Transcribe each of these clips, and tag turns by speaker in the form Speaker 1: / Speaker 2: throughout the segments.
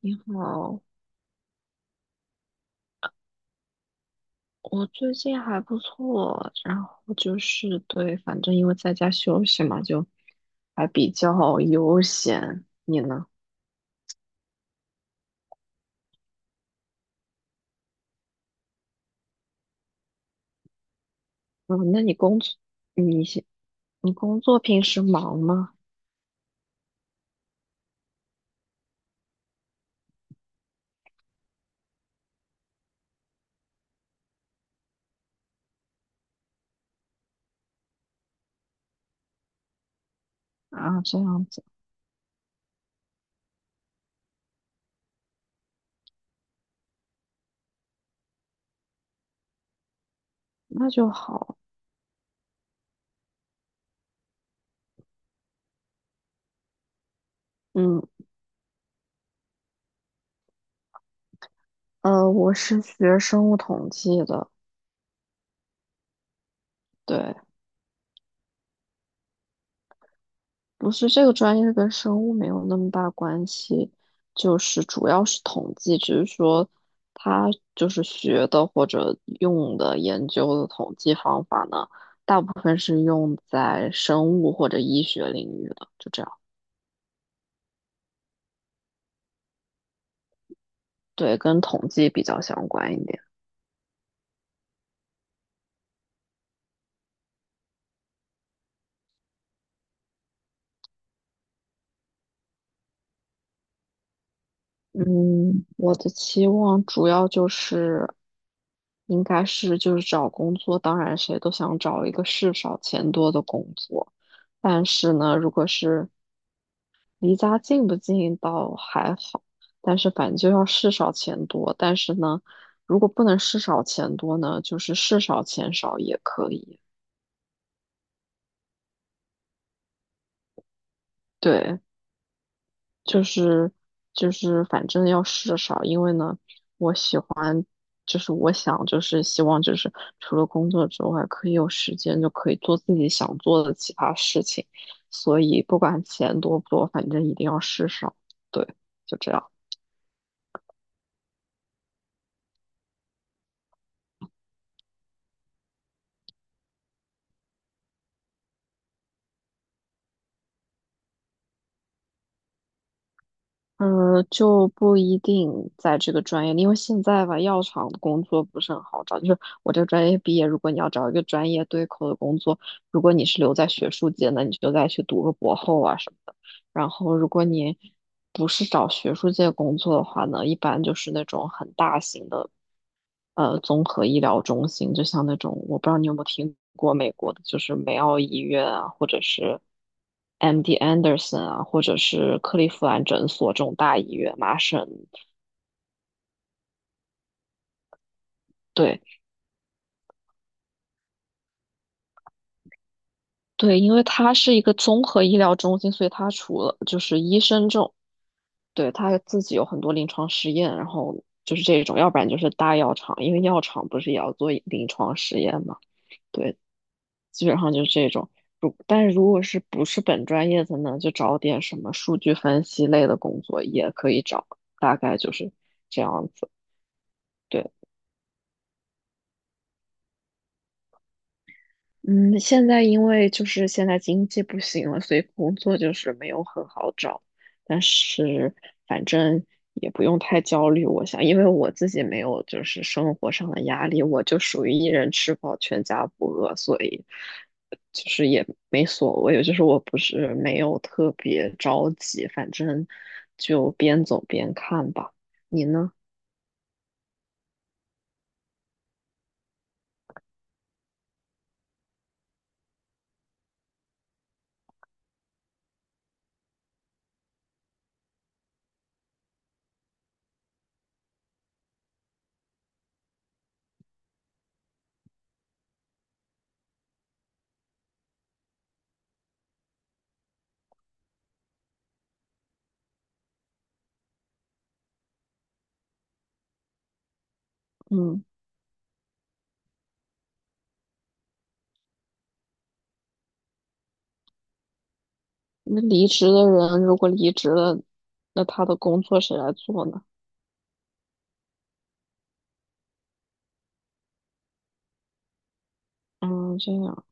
Speaker 1: 你好。我最近还不错，然后就是对，反正因为在家休息嘛，就还比较悠闲。你呢？嗯，那你工作，你现你工作平时忙吗？啊，这样子。那就好。嗯，我是学生物统计的。对，不是这个专业跟生物没有那么大关系，就是主要是统计，只是说他就是学的或者用的研究的统计方法呢，大部分是用在生物或者医学领域的，就这样。对，跟统计比较相关一点。嗯，我的期望主要就是，应该是就是找工作，当然谁都想找一个事少钱多的工作。但是呢，如果是离家近不近倒还好，但是反正就要事少钱多。但是呢，如果不能事少钱多呢，就是事少钱少也可以。对，就是就是反正要事少，因为呢，我喜欢，就是我想就是希望就是除了工作之外，可以有时间就可以做自己想做的其他事情。所以不管钱多不多，反正一定要事少。对，就这样。嗯，就不一定在这个专业里，因为现在吧，药厂的工作不是很好找。就是我这个专业毕业，如果你要找一个专业对口的工作，如果你是留在学术界，那你就再去读个博后啊什么的。然后，如果你不是找学术界工作的话呢，一般就是那种很大型的，综合医疗中心，就像那种，我不知道你有没有听过美国的，就是梅奥医院啊，或者是 MD Anderson 啊，或者是克利夫兰诊所这种大医院，麻省。对对，因为它是一个综合医疗中心，所以它除了就是医生这种，对，他自己有很多临床实验，然后就是这种，要不然就是大药厂，因为药厂不是也要做临床实验嘛？对，基本上就是这种。但是如果是不是本专业的呢，就找点什么数据分析类的工作也可以找，大概就是这样子。对。嗯，现在因为就是现在经济不行了，所以工作就是没有很好找。但是反正也不用太焦虑，我想，因为我自己没有就是生活上的压力，我就属于一人吃饱全家不饿，所以就是也没所谓，就是我不是没有特别着急，反正就边走边看吧。你呢？嗯，那离职的人如果离职了，那他的工作谁来做呢？嗯，这样。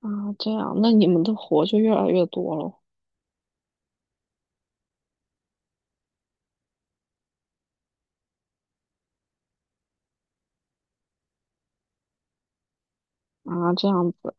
Speaker 1: 啊，这样，那你们的活就越来越多了。啊，这样子。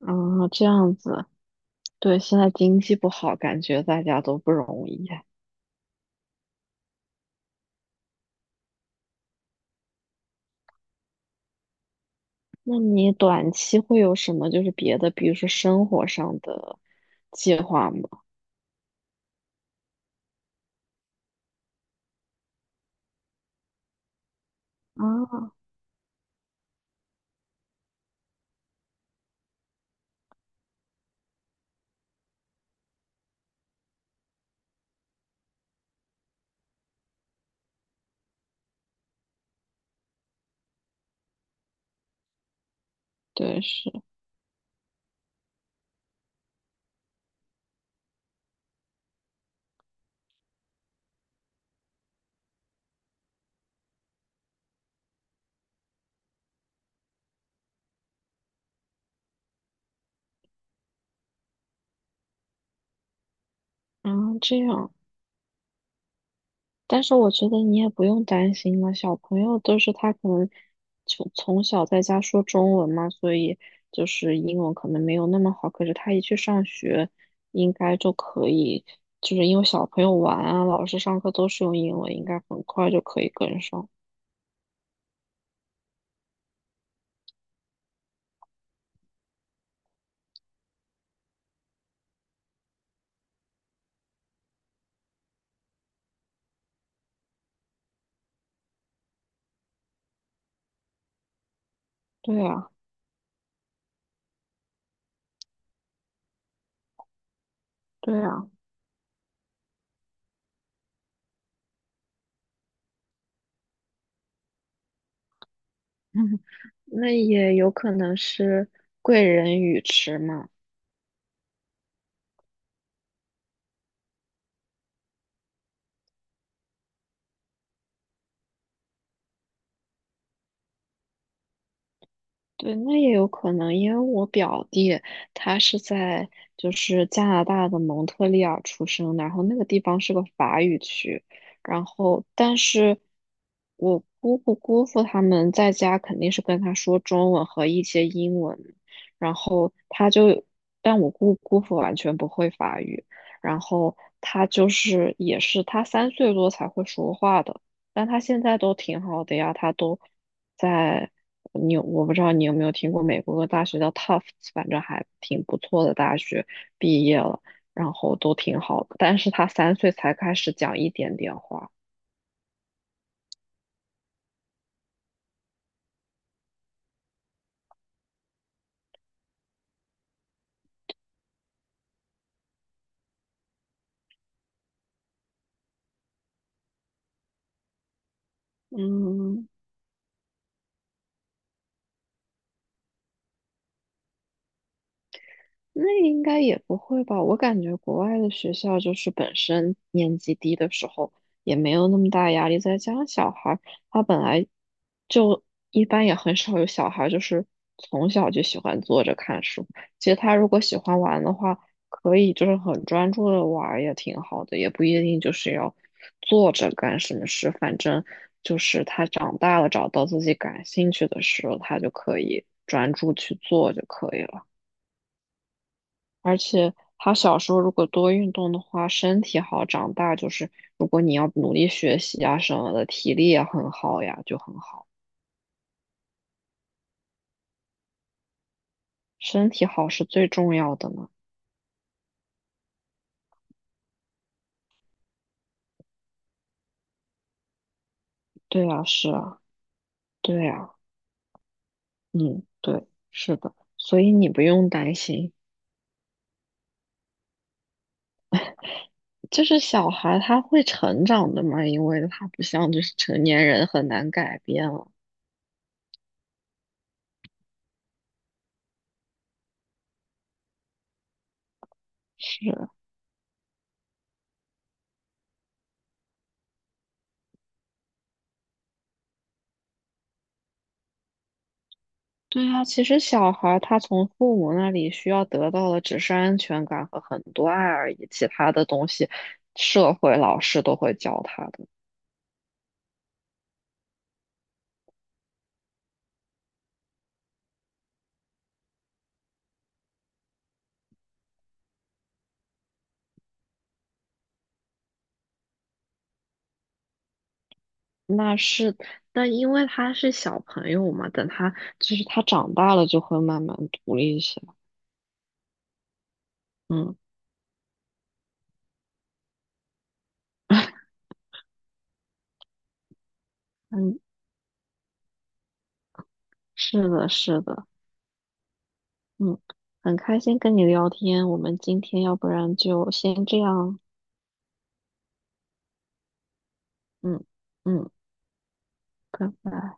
Speaker 1: 啊，这样子，对，现在经济不好，感觉大家都不容易啊。那你短期会有什么就是别的，比如说生活上的计划吗？啊，对，是啊，这样。但是我觉得你也不用担心了，小朋友都是他可能从小在家说中文嘛，所以就是英文可能没有那么好，可是他一去上学，应该就可以，就是因为小朋友玩啊，老师上课都是用英文，应该很快就可以跟上。对啊，对啊，那也有可能是贵人语迟嘛。对，那也有可能，因为我表弟他是在就是加拿大的蒙特利尔出生的，然后那个地方是个法语区，然后但是我姑姑姑父他们在家肯定是跟他说中文和一些英文，然后他就，但我姑姑父完全不会法语，然后他就是也是他三岁多才会说话的。但他现在都挺好的呀，他都在你有，我不知道你有没有听过美国的大学叫 Tufts,反正还挺不错的大学，毕业了，然后都挺好的。但是他三岁才开始讲一点点话。嗯，那应该也不会吧？我感觉国外的学校就是本身年级低的时候也没有那么大压力，再加上小孩儿他本来就一般也很少有小孩儿就是从小就喜欢坐着看书。其实他如果喜欢玩的话，可以就是很专注的玩儿也挺好的，也不一定就是要坐着干什么事。反正就是他长大了找到自己感兴趣的事了，他就可以专注去做就可以了。而且他小时候如果多运动的话，身体好，长大就是如果你要努力学习啊什么的，体力也很好呀，就很好。身体好是最重要的呢。对啊，是啊，对啊，嗯，对，是的，所以你不用担心，就是小孩他会成长的嘛，因为他不像就是成年人很难改变了。是。对啊，其实小孩儿他从父母那里需要得到的只是安全感和很多爱而已，其他的东西社会老师都会教他的。那是，但因为他是小朋友嘛，等他就是他长大了就会慢慢独立一些。嗯嗯，是的，是的。嗯，很开心跟你聊天，我们今天要不然就先这样。嗯嗯，拜拜。